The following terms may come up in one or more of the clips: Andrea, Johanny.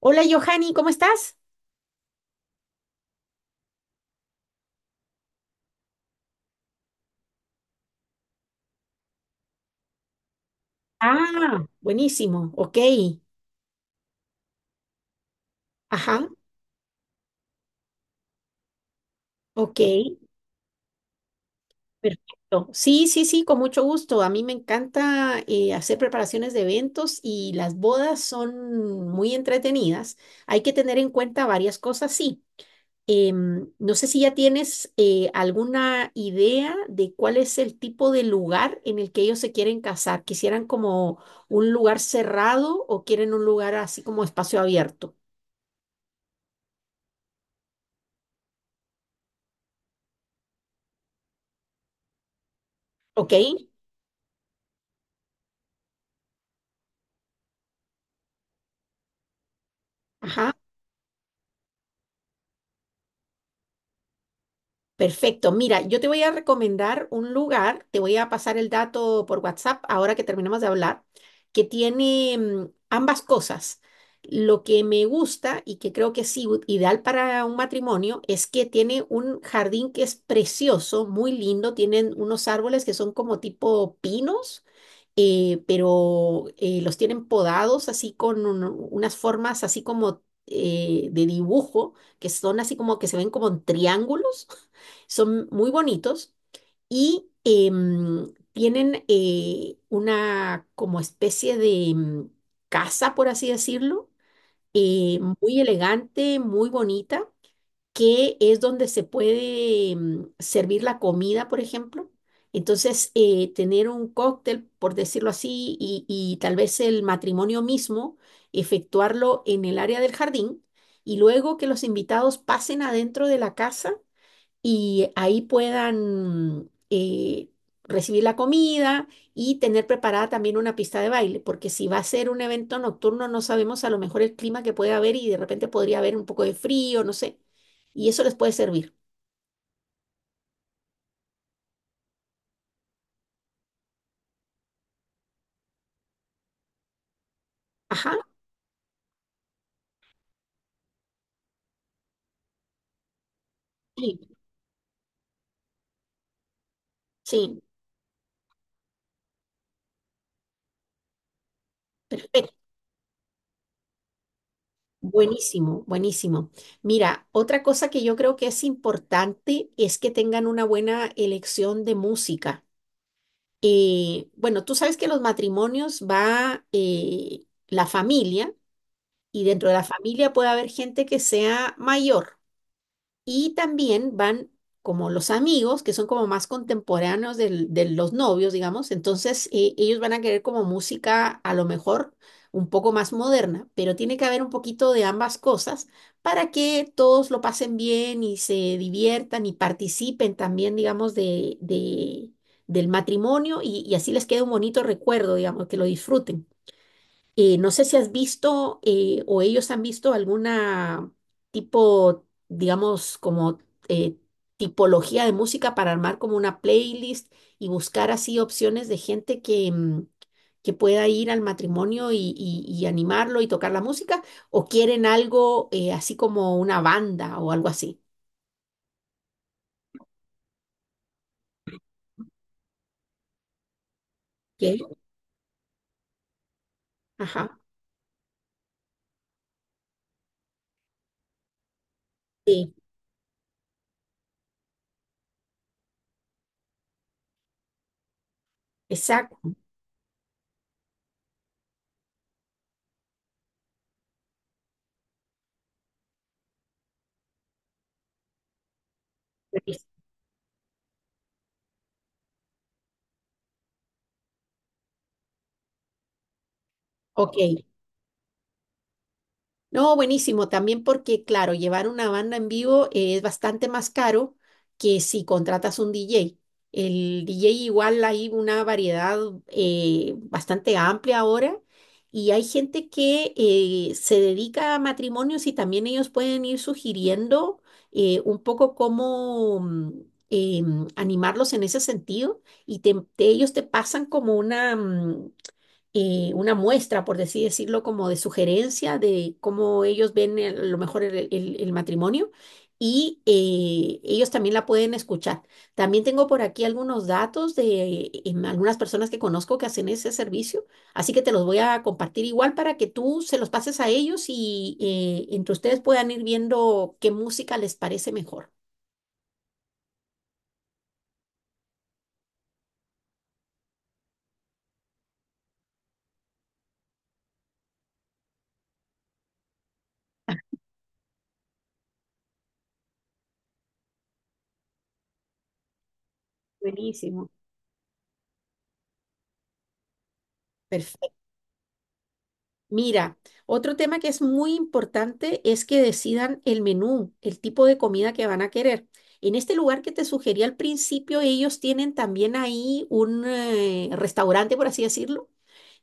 Hola, Johanny, ¿cómo estás? Ah, buenísimo, ok. Ajá, ok, perfecto. Sí, sí, sí, con mucho gusto. A mí me encanta hacer preparaciones de eventos y las bodas son muy entretenidas. Hay que tener en cuenta varias cosas, sí. No sé si ya tienes alguna idea de cuál es el tipo de lugar en el que ellos se quieren casar. ¿Quisieran como un lugar cerrado o quieren un lugar así como espacio abierto? Ok, ajá. Perfecto. Mira, yo te voy a recomendar un lugar, te voy a pasar el dato por WhatsApp ahora que terminamos de hablar, que tiene ambas cosas. Lo que me gusta y que creo que es ideal para un matrimonio es que tiene un jardín que es precioso, muy lindo, tienen unos árboles que son como tipo pinos pero los tienen podados así con unas formas así como de dibujo, que son así como que se ven como en triángulos, son muy bonitos y tienen una como especie de casa, por así decirlo, muy elegante, muy bonita que es donde se puede servir la comida, por ejemplo. Entonces, tener un cóctel, por decirlo así, y tal vez el matrimonio mismo, efectuarlo en el área del jardín y luego que los invitados pasen adentro de la casa y ahí puedan recibir la comida y tener preparada también una pista de baile, porque si va a ser un evento nocturno no sabemos a lo mejor el clima que puede haber y de repente podría haber un poco de frío, no sé, y eso les puede servir. Ajá, sí, sí, buenísimo, buenísimo. Mira, otra cosa que yo creo que es importante es que tengan una buena elección de música. Bueno, tú sabes que los matrimonios va la familia, y dentro de la familia puede haber gente que sea mayor. Y también van como los amigos, que son como más contemporáneos de los novios, digamos. Entonces, ellos van a querer como música a lo mejor un poco más moderna, pero tiene que haber un poquito de ambas cosas para que todos lo pasen bien y se diviertan y participen también, digamos, de, del matrimonio y así les quede un bonito recuerdo, digamos, que lo disfruten. No sé si has visto o ellos han visto alguna tipo, digamos, como eh, tipología de música para armar como una playlist y buscar así opciones de gente que, que pueda ir al matrimonio y, y animarlo y tocar la música, o quieren algo así como una banda o algo así. ¿Qué? Ajá. Sí, exacto. Ok. No, buenísimo, también porque, claro, llevar una banda en vivo es bastante más caro que si contratas un DJ. El DJ igual hay una variedad bastante amplia ahora y hay gente que se dedica a matrimonios y también ellos pueden ir sugiriendo un poco cómo animarlos en ese sentido y ellos te pasan como una, una muestra, por así decirlo, como de sugerencia de cómo ellos ven a lo mejor el, el matrimonio y ellos también la pueden escuchar. También tengo por aquí algunos datos de algunas personas que conozco que hacen ese servicio, así que te los voy a compartir igual para que tú se los pases a ellos y entre ustedes puedan ir viendo qué música les parece mejor. Buenísimo. Perfecto. Mira, otro tema que es muy importante es que decidan el menú, el tipo de comida que van a querer. En este lugar que te sugerí al principio, ellos tienen también ahí un restaurante, por así decirlo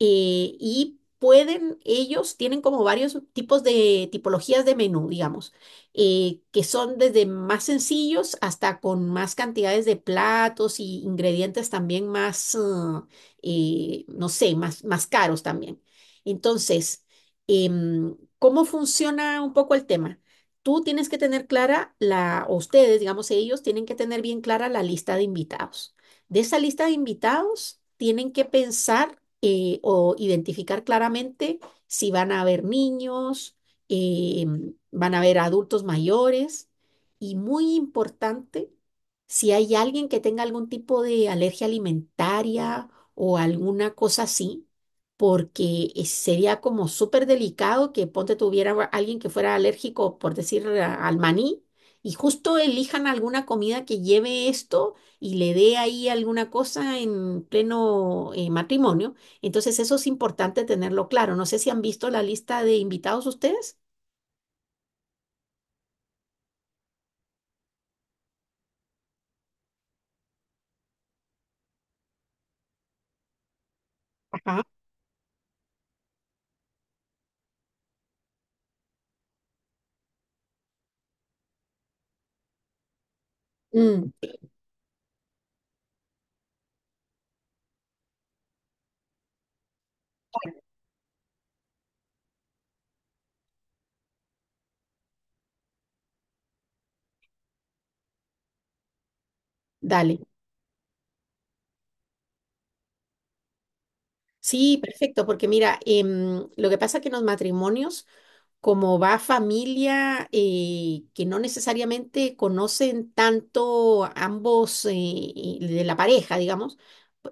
y pueden, ellos tienen como varios tipos de tipologías de menú, digamos, que son desde más sencillos hasta con más cantidades de platos y ingredientes también más, no sé, más, más caros también. Entonces, ¿cómo funciona un poco el tema? Tú tienes que tener clara la, o ustedes, digamos, ellos tienen que tener bien clara la lista de invitados. De esa lista de invitados, tienen que pensar o identificar claramente si van a haber niños, eh, van a haber adultos mayores y muy importante, si hay alguien que tenga algún tipo de alergia alimentaria o alguna cosa así, porque sería como súper delicado que ponte tuviera alguien que fuera alérgico, por decir, al maní. Y justo elijan alguna comida que lleve esto y le dé ahí alguna cosa en pleno matrimonio. Entonces, eso es importante tenerlo claro. No sé si han visto la lista de invitados ustedes. Ajá. Mm, dale. Sí, perfecto, porque mira, lo que pasa es que en los matrimonios como va familia que no necesariamente conocen tanto ambos y de la pareja, digamos,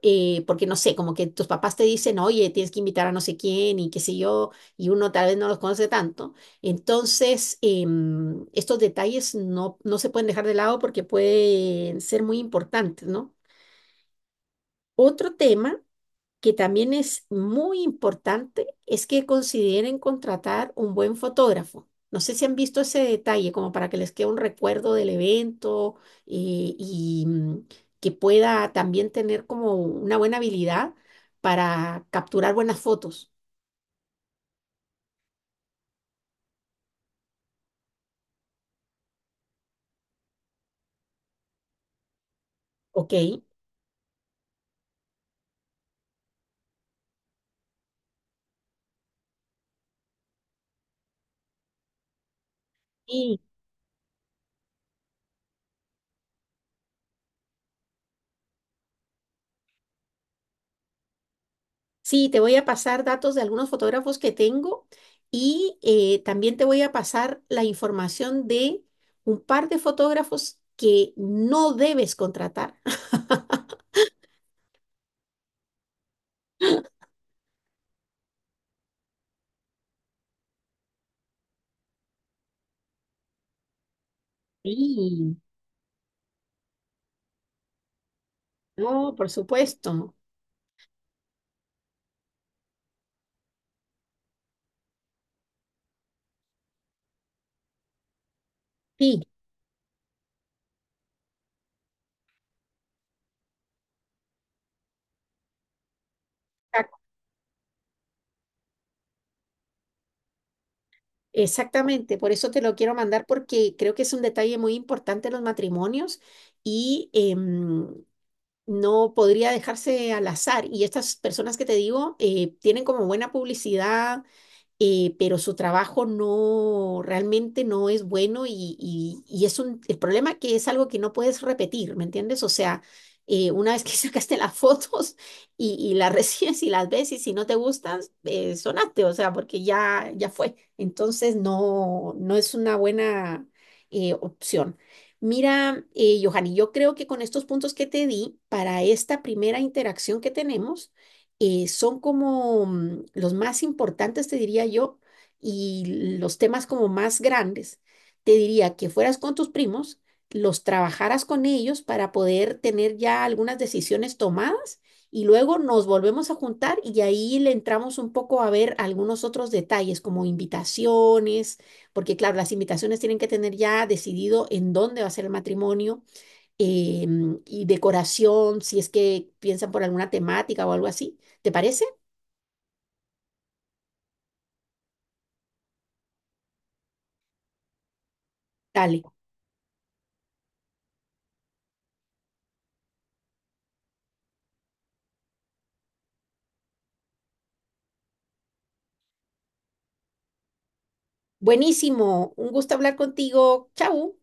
porque no sé, como que tus papás te dicen, oye, tienes que invitar a no sé quién y qué sé yo, y uno tal vez no los conoce tanto. Entonces, estos detalles no, no se pueden dejar de lado porque pueden ser muy importantes, ¿no? Otro tema que también es muy importante es que consideren contratar un buen fotógrafo. No sé si han visto ese detalle, como para que les quede un recuerdo del evento y que pueda también tener como una buena habilidad para capturar buenas fotos. Ok. Y sí, te voy a pasar datos de algunos fotógrafos que tengo y también te voy a pasar la información de un par de fotógrafos que no debes contratar. Sí, no, por supuesto. Sí, exac- exactamente. Por eso te lo quiero mandar porque creo que es un detalle muy importante en los matrimonios y no podría dejarse al azar. Y estas personas que te digo tienen como buena publicidad, pero su trabajo no realmente no es bueno y, y es un, el problema que es algo que no puedes repetir, ¿me entiendes? O sea, una vez que sacaste las fotos y las recibes y las ves y si no te gustan, sonaste, o sea, porque ya, ya fue. Entonces no, no es una buena opción. Mira, Johanny, yo creo que con estos puntos que te di para esta primera interacción que tenemos, son como los más importantes, te diría yo, y los temas como más grandes, te diría que fueras con tus primos, los trabajaras con ellos para poder tener ya algunas decisiones tomadas y luego nos volvemos a juntar y ahí le entramos un poco a ver algunos otros detalles como invitaciones, porque claro, las invitaciones tienen que tener ya decidido en dónde va a ser el matrimonio y decoración, si es que piensan por alguna temática o algo así. ¿Te parece? Dale. Buenísimo. Un gusto hablar contigo. Chau.